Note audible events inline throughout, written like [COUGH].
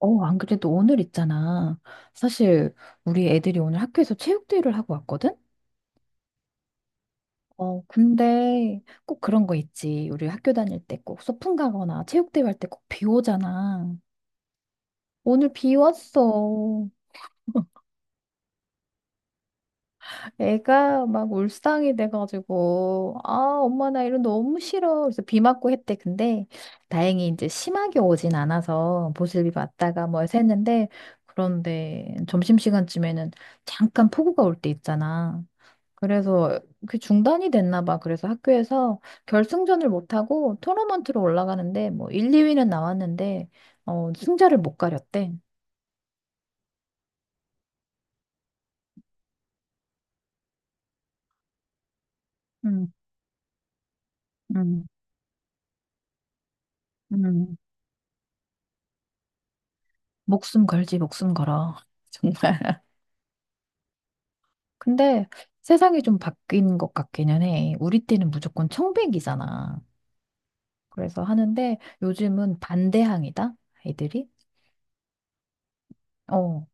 안 그래도 오늘 있잖아. 사실 우리 애들이 오늘 학교에서 체육대회를 하고 왔거든? 근데 꼭 그런 거 있지. 우리 학교 다닐 때 꼭 소풍 가거나 체육대회 할 때 꼭 비 오잖아. 오늘 비 왔어. 애가 막 울상이 돼가지고, 아, 엄마 나 이런 너무 싫어. 그래서 비 맞고 했대. 근데 다행히 이제 심하게 오진 않아서 보슬비 맞다가 뭐 해서 했는데, 그런데 점심시간쯤에는 잠깐 폭우가 올 때 있잖아. 그래서 그 중단이 됐나 봐. 그래서 학교에서 결승전을 못하고 토너먼트로 올라가는데 뭐 1, 2위는 나왔는데 승자를 못 가렸대. 음, 음, 음. 목숨 걸지, 목숨 걸어. [LAUGHS] 정말. 근데 세상이 좀 바뀐 것 같기는 해. 우리 때는 무조건 청백이잖아. 그래서 하는데 요즘은 반대항이다, 애들이. 어.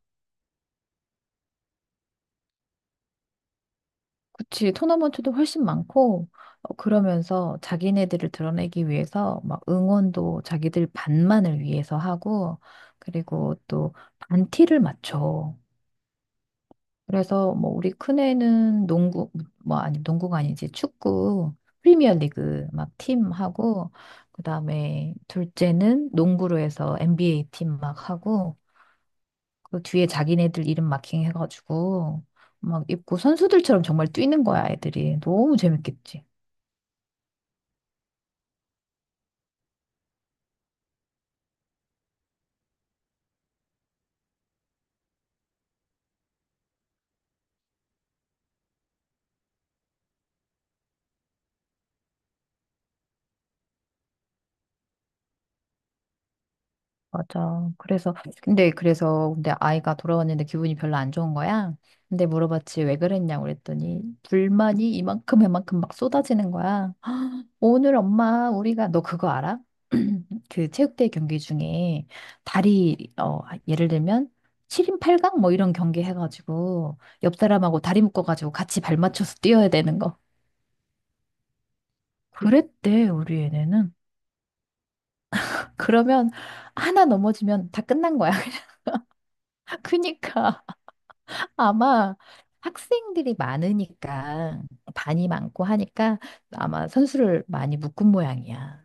그치, 토너먼트도 훨씬 많고, 그러면서 자기네들을 드러내기 위해서 막 응원도 자기들 반만을 위해서 하고, 그리고 또 반티를 맞춰. 그래서 뭐 우리 큰애는 농구, 뭐 아니, 농구가 아니지, 축구, 프리미어 리그 막 팀하고, 그 다음에 둘째는 농구로 해서 NBA 팀 막 하고, 그 뒤에 자기네들 이름 마킹 해가지고, 막 입고 선수들처럼 정말 뛰는 거야, 애들이. 너무 재밌겠지. 맞아. 근데 아이가 돌아왔는데 기분이 별로 안 좋은 거야. 근데 물어봤지, 왜 그랬냐고 그랬더니, 불만이 이만큼, 이만큼 막 쏟아지는 거야. 오늘 엄마, 우리가, 너 그거 알아? [CLEARS THROAT] 그 체육대회 경기 중에 다리, 예를 들면, 7인 8강? 뭐 이런 경기 해가지고, 옆 사람하고 다리 묶어가지고 같이 발 맞춰서 뛰어야 되는 거. 그랬대, 우리 애네는. 그러면, 하나 넘어지면 다 끝난 거야. [LAUGHS] 그니까. 아마 학생들이 많으니까 반이 많고 하니까 아마 선수를 많이 묶은 모양이야.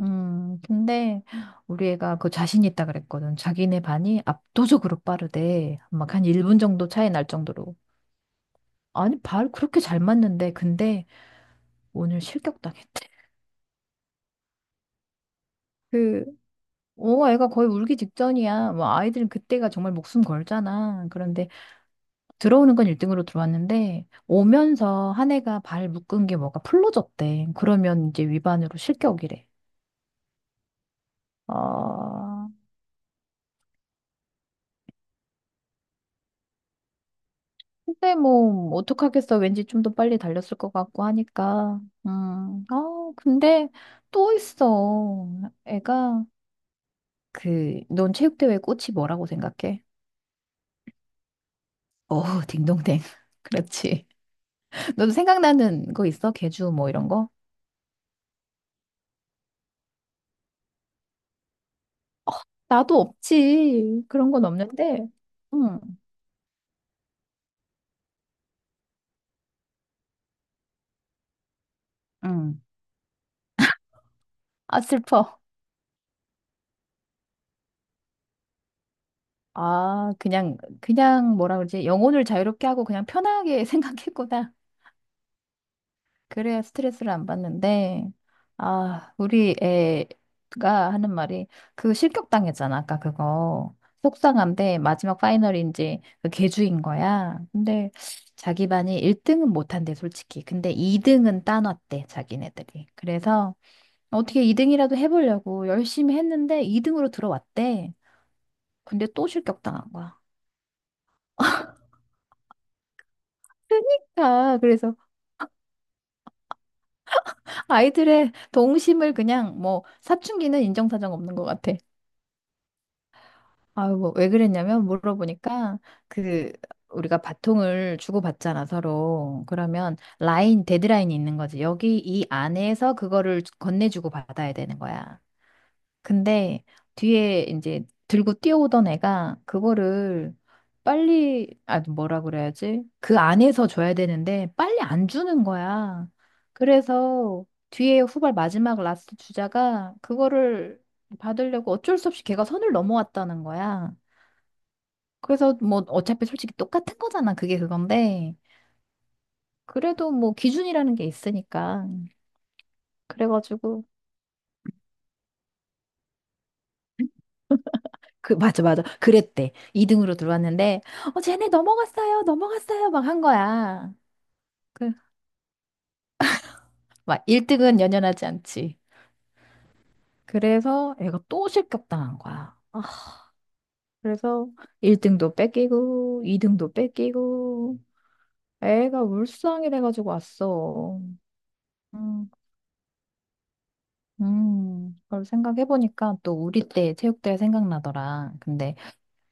근데 우리 애가 그 자신 있다 그랬거든. 자기네 반이 압도적으로 빠르대. 막 한 1분 정도 차이 날 정도로. 아니, 발 그렇게 잘 맞는데 근데 오늘 실격당했대. 그, 애가 거의 울기 직전이야. 뭐 아이들은 그때가 정말 목숨 걸잖아. 그런데 들어오는 건 1등으로 들어왔는데 오면서 한 애가 발 묶은 게 뭐가 풀러졌대. 그러면 이제 위반으로 실격이래. 아, 근데 뭐 어떡하겠어. 왠지 좀 더 빨리 달렸을 것 같고 하니까. 음. 아, 근데 또 있어. 애가 그 넌 체육대회 꽃이 뭐라고 생각해? 어, 딩동댕. [LAUGHS] 그렇지. 너도 생각나는 거 있어? 개주 뭐 이런 거? 나도 없지. 그런 건 없는데. 응. 응. 아, 슬퍼. 아, 그냥 뭐라 그러지? 영혼을 자유롭게 하고 그냥 편하게 [LAUGHS] 생각했구나. 그래야 스트레스를 안 받는데, 아, 우리 애가 하는 말이 그 실격당했잖아, 아까 그거. 속상한데 마지막 파이널인지 그 개주인 거야. 근데 자기 반이 1등은 못한대, 솔직히. 근데 2등은 따놨대, 자기네들이. 그래서 어떻게 2등이라도 해보려고 열심히 했는데 2등으로 들어왔대. 근데 또 실격당한 거야. 그러니까 그래서 아이들의 동심을 그냥 뭐 사춘기는 인정사정 없는 것 같아. 아유, 뭐왜 그랬냐면 물어보니까 그 우리가 바통을 주고받잖아, 서로. 그러면 라인, 데드라인이 있는 거지. 여기 이 안에서 그거를 건네주고 받아야 되는 거야. 근데 뒤에 이제 들고 뛰어오던 애가 그거를 빨리, 아, 뭐라 그래야지? 그 안에서 줘야 되는데 빨리 안 주는 거야. 그래서 뒤에 후발 마지막 라스트 주자가 그거를 받으려고 어쩔 수 없이 걔가 선을 넘어왔다는 거야. 그래서 뭐 어차피 솔직히 똑같은 거잖아. 그게 그건데. 그래도 뭐 기준이라는 게 있으니까. 그래가지고. 맞아, 맞아. 그랬대. 2등으로 들어왔는데, 쟤네 넘어갔어요, 넘어갔어요, 막 한 거야. 그, 막 1등은 연연하지 않지. 그래서 애가 또 실격당한 거야. 아, 그래서 1등도 뺏기고, 2등도 뺏기고, 애가 울상이 돼가지고 왔어. 음, 그걸 생각해보니까 또 우리 때 체육대회 생각나더라. 근데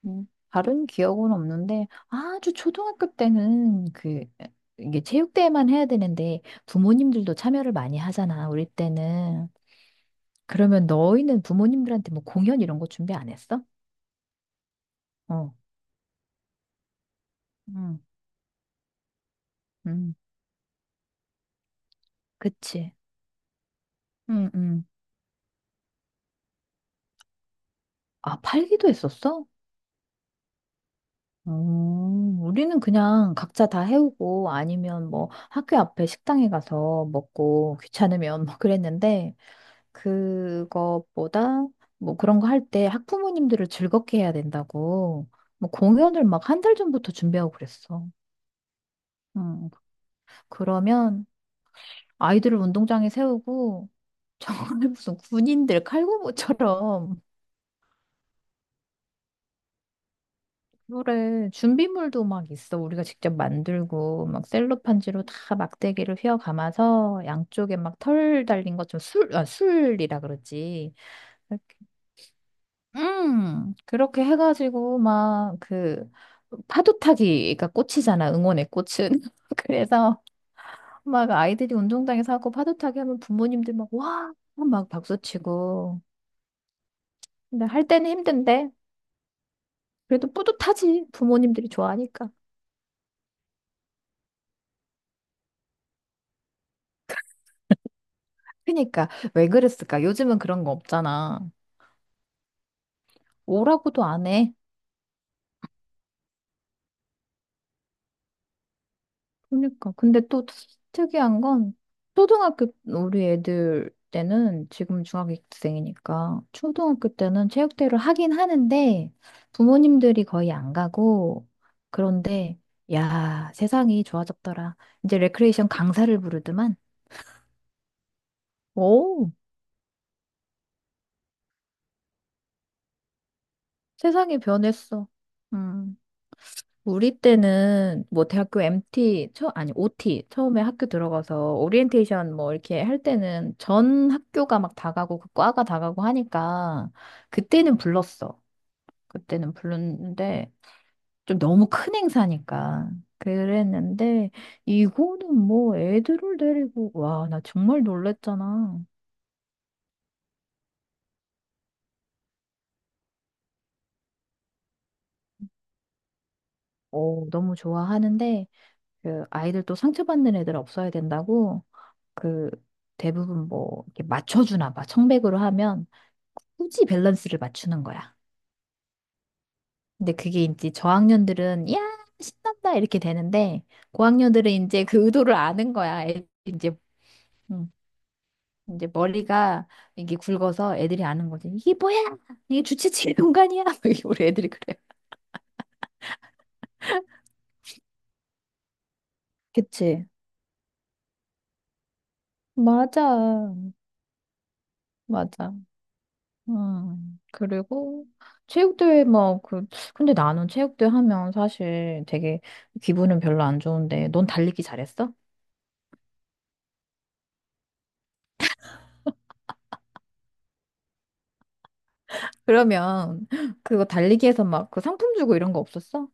음, 다른 기억은 없는데 아주 초등학교 때는 그 이게 체육대회만 해야 되는데 부모님들도 참여를 많이 하잖아. 우리 때는 그러면 너희는 부모님들한테 뭐 공연 이런 거 준비 안 했어? 어, 음. 음, 그치. 음, 음. 아, 팔기도 했었어? 우리는 그냥 각자 다 해오고 아니면 뭐 학교 앞에 식당에 가서 먹고 귀찮으면 [LAUGHS] 뭐 그랬는데 그것보다 뭐 그런 거 할 때 학부모님들을 즐겁게 해야 된다고 뭐 공연을 막 한 달 전부터 준비하고 그랬어. 음. 그러면 아이들을 운동장에 세우고 정말 [LAUGHS] 무슨 군인들 칼군무처럼 그래 준비물도 막 있어. 우리가 직접 만들고 막 셀로판지로 다 막대기를 휘어 감아서 양쪽에 막 털 달린 것처럼 술, 아, 술이라 그러지. 그렇게 해가지고, 막, 그, 파도타기가 꽃이잖아, 응원의 꽃은. [LAUGHS] 그래서, 막, 아이들이 운동장에서 하고 파도타기 하면 부모님들 막, 와! 막 박수치고. 근데 할 때는 힘든데, 그래도 뿌듯하지. 부모님들이 좋아하니까. 그니까, 왜 그랬을까? 요즘은 그런 거 없잖아. 오라고도 안 해. 그러니까. 근데 또 특이한 건 초등학교 우리 애들 때는 지금 중학생이니까 초등학교 때는 체육대회를 하긴 하는데 부모님들이 거의 안 가고 그런데 야, 세상이 좋아졌더라. 이제 레크레이션 강사를 부르더만. 오, 세상이 변했어. 음. 우리 때는 뭐 대학교 MT 처 아니 OT 처음에 학교 들어가서 오리엔테이션 뭐 이렇게 할 때는 전 학교가 막 다 가고 그 과가 다 가고 하니까 그때는 불렀어. 그때는 불렀는데 좀 너무 큰 행사니까 그랬는데 이거는 뭐 애들을 데리고 와, 나 정말 놀랬잖아. 너무 좋아하는데 그 아이들 또 상처받는 애들 없어야 된다고 그 대부분 뭐 이렇게 맞춰주나 봐. 청백으로 하면 굳이 밸런스를 맞추는 거야. 근데 그게 이제 저학년들은 야 신난다 이렇게 되는데 고학년들은 이제 그 의도를 아는 거야. 애, 음, 이제 머리가 이게 굵어서 애들이 아는 거지. 이게 뭐야? 이게 주체치 공간이야? [LAUGHS] 이게 우리 애들이 그래. 그치? 맞아. 맞아. 음. 그리고 체육대회 근데 나는 체육대회 하면 사실 되게 기분은 별로 안 좋은데 넌 달리기 잘했어? 그러면 그거 달리기에서 막 그 상품 주고 이런 거 없었어?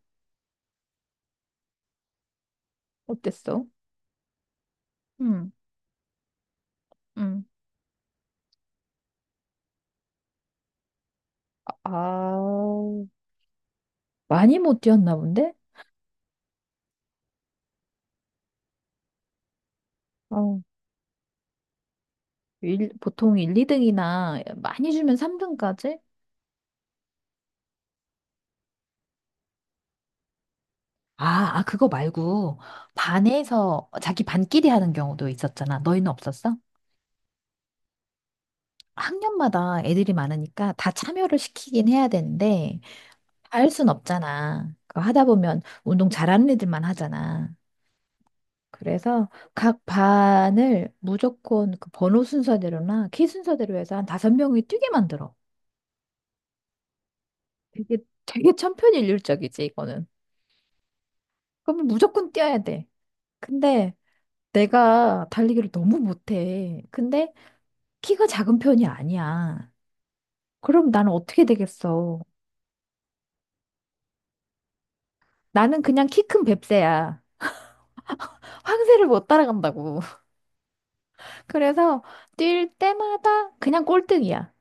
어땠어? 응, 응. 아, 많이 못 뛰었나 본데? 어, 보통 1, 2등이나 많이 주면 3등까지? 아, 그거 말고 반에서 자기 반끼리 하는 경우도 있었잖아. 너희는 없었어? 학년마다 애들이 많으니까 다 참여를 시키긴 해야 되는데 다 할 순 없잖아. 그거 하다 보면 운동 잘하는 애들만 하잖아. 그래서 각 반을 무조건 그 번호 순서대로나 키 순서대로 해서 한 다섯 명이 뛰게 만들어. 되게 되게 천편일률적이지 이거는. 그러면 무조건 뛰어야 돼. 근데 내가 달리기를 너무 못해. 근데 키가 작은 편이 아니야. 그럼 나는 어떻게 되겠어? 나는 그냥 키 큰 뱁새야. 황새를 못 따라간다고. [LAUGHS] 그래서 뛸 때마다 그냥 꼴등이야.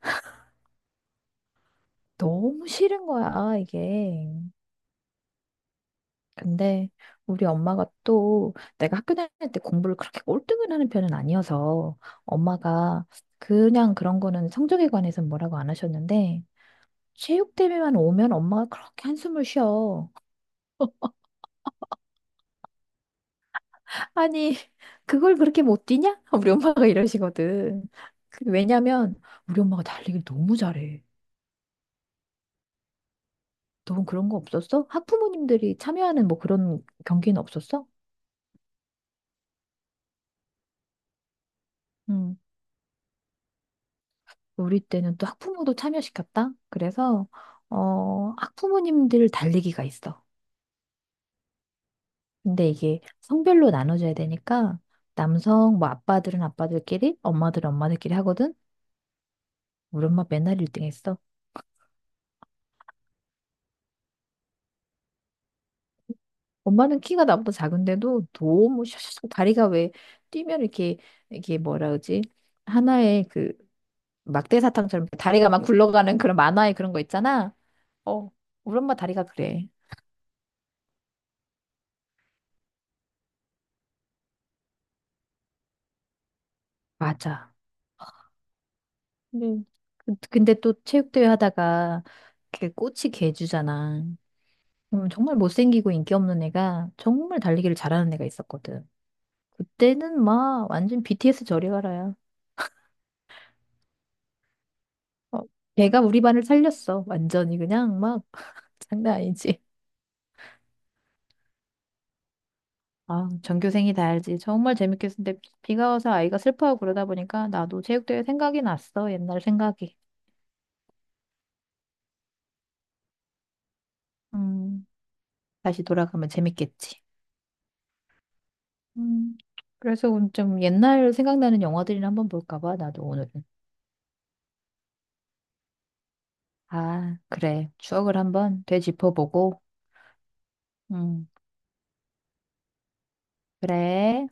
너무 싫은 거야, 이게. 근데 우리 엄마가 또 내가 학교 다닐 때 공부를 그렇게 꼴등을 하는 편은 아니어서 엄마가 그냥 그런 거는 성적에 관해서는 뭐라고 안 하셨는데 체육 대회만 오면 엄마가 그렇게 한숨을 쉬어. 아니, 그걸 그렇게 못 뛰냐? [LAUGHS] 우리 엄마가 이러시거든. 그 왜냐면 우리 엄마가 달리기를 너무 잘해. 너는 그런 거 없었어? 학부모님들이 참여하는 뭐 그런 경기는 없었어? 우리 때는 또 학부모도 참여시켰다? 그래서, 학부모님들 달리기가 있어. 근데 이게 성별로 나눠져야 되니까, 남성, 뭐, 아빠들은 아빠들끼리, 엄마들은 엄마들끼리 하거든? 우리 엄마 맨날 1등 했어. 엄마는 키가 나보다 작은데도 너무 샤샤샥 다리가 왜 뛰면 이렇게, 이게 뭐라 그러지? 하나의 그 막대 사탕처럼 다리가 막 굴러가는 그런 만화의 그런 거 있잖아. 어, 우리 엄마 다리가 그래. 맞아. 네. 근데 또 체육대회 하다가 그 꽃이 개주잖아. 정말 못생기고 인기 없는 애가 정말 달리기를 잘하는 애가 있었거든. 그때는 막 완전 BTS 저리 가라야. 어, 걔가 우리 반을 살렸어. 완전히 그냥 막 [LAUGHS] 장난 아니지. 아, 전교생이 다 알지. 정말 재밌겠는데 비가 와서 아이가 슬퍼하고 그러다 보니까 나도 체육대회 생각이 났어. 옛날 생각이. 음, 다시 돌아가면 재밌겠지. 음, 그래서 좀 옛날 생각나는 영화들이나 한번 볼까 봐, 나도 오늘은. 아, 그래. 추억을 한번 되짚어보고. 음, 그래.